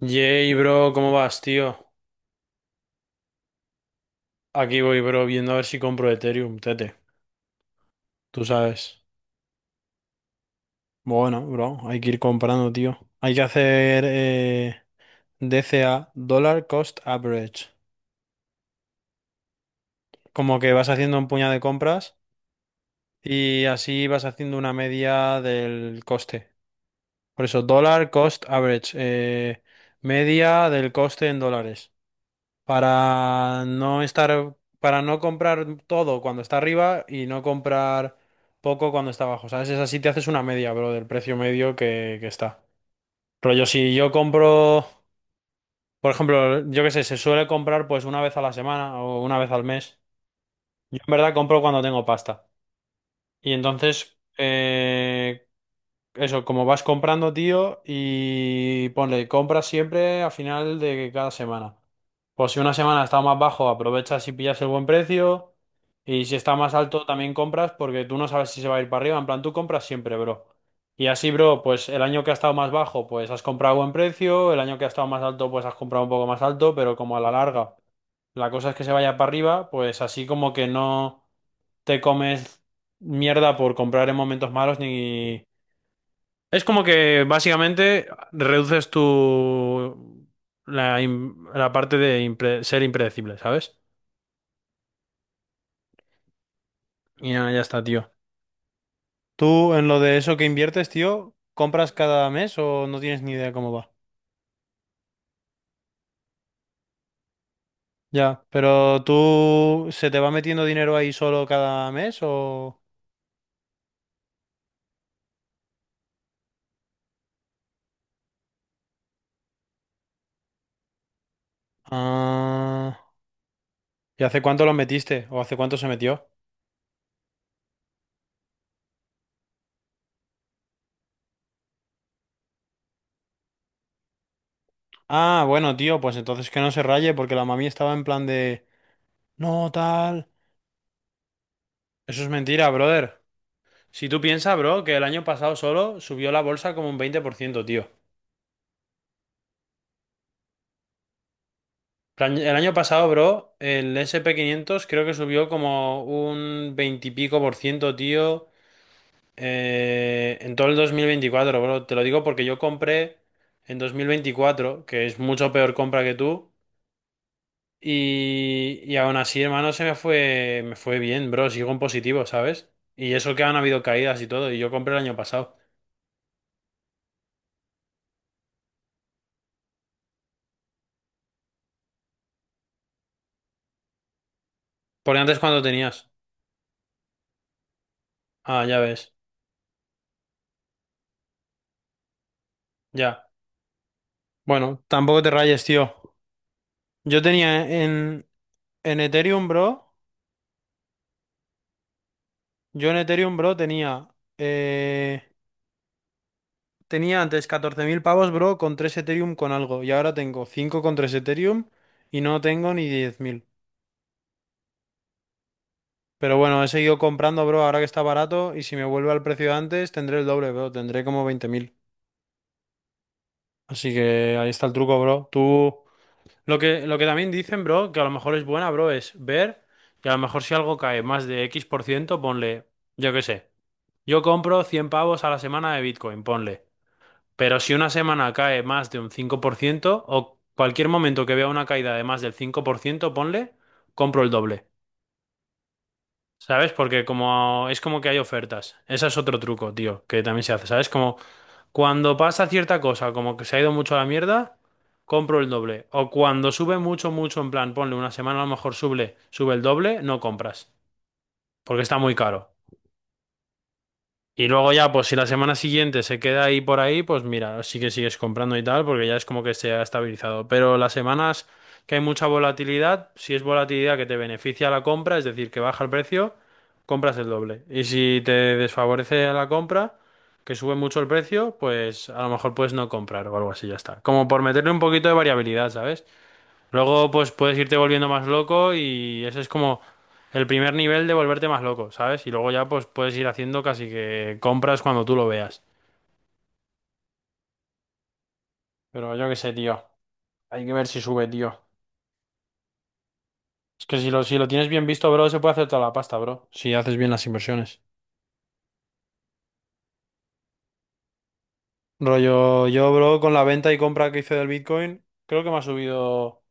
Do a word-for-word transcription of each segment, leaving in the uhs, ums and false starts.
Yay, bro, ¿cómo vas, tío? Aquí voy, bro, viendo a ver si compro Ethereum, tete. Tú sabes. Bueno, bro, hay que ir comprando, tío. Hay que hacer eh, D C A, Dollar Cost Average. Como que vas haciendo un puñado de compras y así vas haciendo una media del coste. Por eso, Dollar Cost Average, eh, media del coste en dólares. para no estar, para no comprar todo cuando está arriba y no comprar poco cuando está abajo, ¿sabes? Es así, te haces una media, bro, del precio medio que, que está. Rollo, si yo compro, por ejemplo, yo qué sé, se suele comprar pues una vez a la semana o una vez al mes. Yo en verdad compro cuando tengo pasta. Y entonces, eh, eso, como vas comprando, tío, y ponle, compras siempre a final de cada semana. Pues si una semana está más bajo, aprovechas y pillas el buen precio. Y si está más alto, también compras porque tú no sabes si se va a ir para arriba. En plan, tú compras siempre, bro. Y así, bro, pues el año que ha estado más bajo, pues has comprado a buen precio. El año que ha estado más alto, pues has comprado un poco más alto. Pero como a la larga, la cosa es que se vaya para arriba, pues así como que no te comes mierda por comprar en momentos malos ni... Es como que básicamente reduces tu la, im- la parte de impre- ser impredecible, ¿sabes? Y nada, ya está, tío. ¿Tú en lo de eso que inviertes, tío, compras cada mes o no tienes ni idea cómo va? Ya, pero tú ¿se te va metiendo dinero ahí solo cada mes o...? Ah, ¿y hace cuánto lo metiste o hace cuánto se metió? Ah, bueno, tío, pues entonces que no se raye porque la mami estaba en plan de... No, tal. Eso es mentira, brother. Si tú piensas, bro, que el año pasado solo subió la bolsa como un veinte por ciento, tío. Plan- El año pasado, bro, el S and P quinientos creo que subió como un veinte y pico por ciento, tío, eh, en todo el dos mil veinticuatro, bro. Te lo digo porque yo compré en dos mil veinticuatro, que es mucho peor compra que tú, y, y aún así, hermano, se me fue, me fue bien, bro. Sigo en positivo, ¿sabes? Y eso que han habido caídas y todo, y yo compré el año pasado. Porque antes, ¿cuánto tenías? Ah, ya ves, ya. Bueno, tampoco te rayes, tío. Yo tenía en, en Ethereum, bro. Yo en Ethereum, bro, tenía. eh, tenía antes catorce mil pavos, bro, con tres Ethereum con algo. Y ahora tengo cinco con tres Ethereum y no tengo ni diez mil. Pero bueno, he seguido comprando, bro, ahora que está barato. Y si me vuelve al precio de antes, tendré el doble, bro. Tendré como veinte mil. Así que ahí está el truco, bro. Tú. Lo que, lo que también dicen, bro, que a lo mejor es buena, bro, es ver. Que a lo mejor si algo cae más de X por ciento, ponle. Yo qué sé. Yo compro cien pavos a la semana de Bitcoin, ponle. Pero si una semana cae más de un cinco por ciento o cualquier momento que vea una caída de más del cinco por ciento, ponle, compro el doble. ¿Sabes? Porque como es como que hay ofertas. Ese es otro truco, tío, que también se hace. ¿Sabes? Como cuando pasa cierta cosa, como que se ha ido mucho a la mierda, compro el doble. O cuando sube mucho, mucho, en plan, ponle, una semana a lo mejor sube, sube el doble, no compras. Porque está muy caro. Y luego ya, pues si la semana siguiente se queda ahí por ahí, pues mira, sí que sigues comprando y tal, porque ya es como que se ha estabilizado. Pero las semanas que hay mucha volatilidad, si es volatilidad que te beneficia la compra, es decir, que baja el precio, compras el doble. Y si te desfavorece la compra, que sube mucho el precio, pues a lo mejor puedes no comprar o algo así, ya está. Como por meterle un poquito de variabilidad, ¿sabes? Luego, pues puedes irte volviendo más loco y ese es como el primer nivel de volverte más loco, ¿sabes? Y luego ya, pues puedes ir haciendo casi que compras cuando tú lo veas. Pero yo qué sé, tío. Hay que ver si sube, tío. Es que si lo, si lo tienes bien visto, bro, se puede hacer toda la pasta, bro. Si haces bien las inversiones. Rollo, yo, bro, con la venta y compra que hice del Bitcoin, creo que me ha subido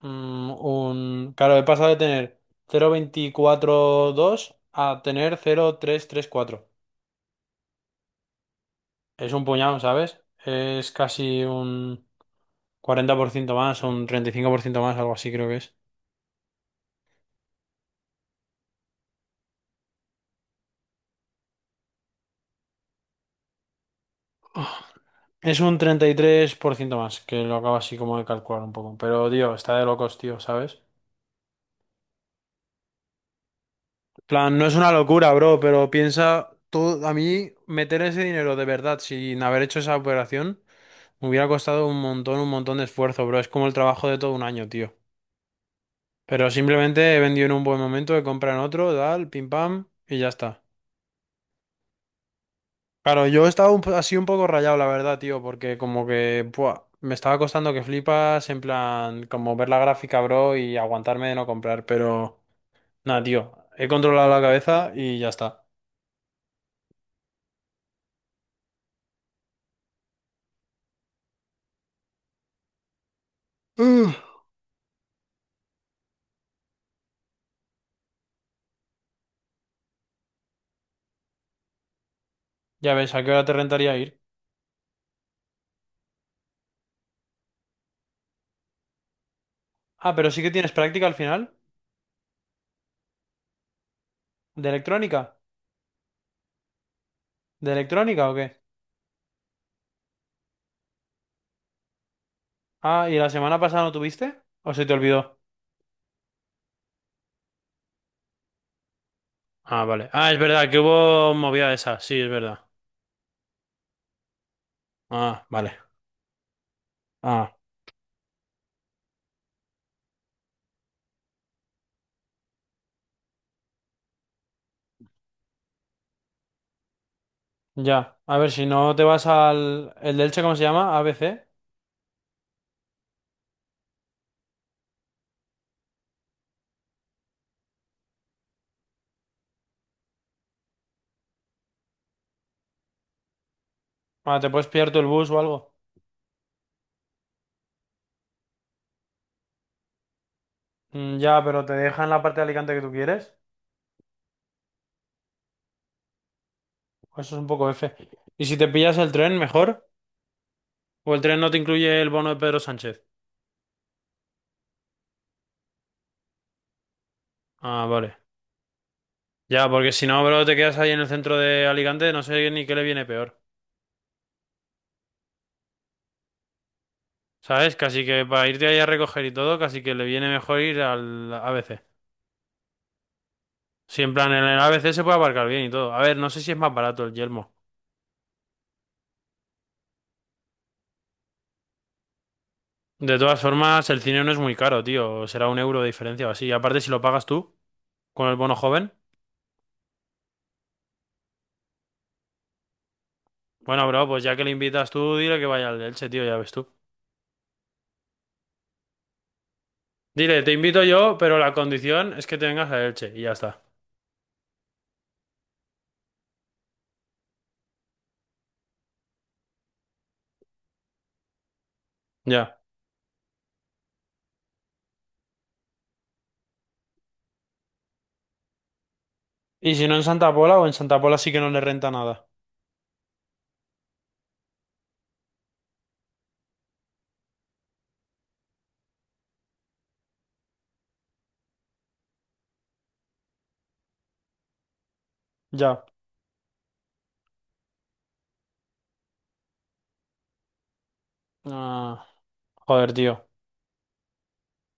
mm, un... claro, he pasado de tener cero punto doscientos cuarenta y dos a tener cero coma trescientos treinta y cuatro. Es un puñado, ¿sabes? Es casi un cuarenta por ciento más, un treinta y cinco por ciento más, algo así creo que es. Es un treinta y tres por ciento más, que lo acabo así como de calcular un poco. Pero, tío, está de locos, tío, ¿sabes? Plan, no es una locura, bro, pero piensa, todo, a mí meter ese dinero de verdad sin haber hecho esa operación me hubiera costado un montón, un montón de esfuerzo, bro. Es como el trabajo de todo un año, tío. Pero simplemente he vendido en un buen momento, he comprado en otro, tal, pim pam, y ya está. Claro, yo estaba un po- así un poco rayado, la verdad, tío, porque como que buah, me estaba costando que flipas, en plan, como ver la gráfica, bro, y aguantarme de no comprar, pero nada, tío, he controlado la cabeza y ya está. Uf. Ya ves, ¿a qué hora te rentaría ir? Ah, pero sí que tienes práctica al final, de electrónica, de electrónica o qué? Ah, ¿y la semana pasada no tuviste? ¿O se te olvidó? Ah, vale. Ah, es verdad, que hubo movida de esa, sí, es verdad. Ah, vale. Ah. Ya, a ver, si no te vas al... ¿El de Elche cómo se llama? A B C, ah, te puedes pillar tú el bus o algo. Mm, ya, pero ¿te dejan la parte de Alicante que tú quieres? Pues eso es un poco F. ¿Y si te pillas el tren, mejor? ¿O el tren no te incluye el bono de Pedro Sánchez? Ah, vale. Ya, porque si no, bro, te quedas ahí en el centro de Alicante, no sé ni qué le viene peor. ¿Sabes? Casi que para irte ahí a recoger y todo, casi que le viene mejor ir al A B C. Si en plan, en el A B C se puede aparcar bien y todo. A ver, no sé si es más barato el Yelmo. De todas formas, el cine no es muy caro, tío. Será un euro de diferencia o así. Y aparte, si lo pagas tú, con el bono joven. Bueno, bro, pues ya que le invitas tú, dile que vaya al de Elche, tío, ya ves tú. Dile, te invito yo, pero la condición es que te vengas a Elche. Y ya está. Ya. Y si no en Santa Pola o en Santa Pola sí que no le renta nada. Ya. Ah, joder, tío.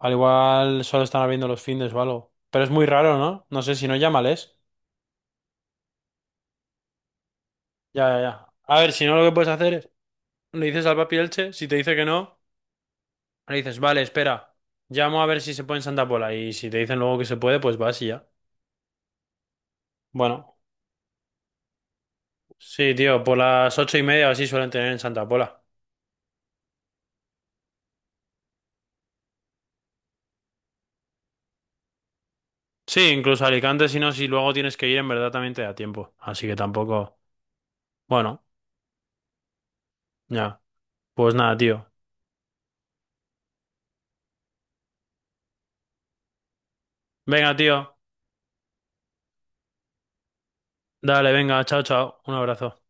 Al igual solo están abriendo los findes o algo. Pero es muy raro, ¿no? No sé, si no, llámales. Ya, ya, ya. A ver, si no, lo que puedes hacer es... Le dices al papi Elche, si te dice que no... Le dices, vale, espera, llamo a ver si se puede en Santa Pola. Y si te dicen luego que se puede, pues vas y ya. Bueno, sí, tío, por las ocho y media o así suelen tener en Santa Pola. Sí, incluso Alicante, si no, si luego tienes que ir, en verdad también te da tiempo. Así que tampoco. Bueno, ya. Pues nada, tío. Venga, tío. Dale, venga, chao, chao. Un abrazo.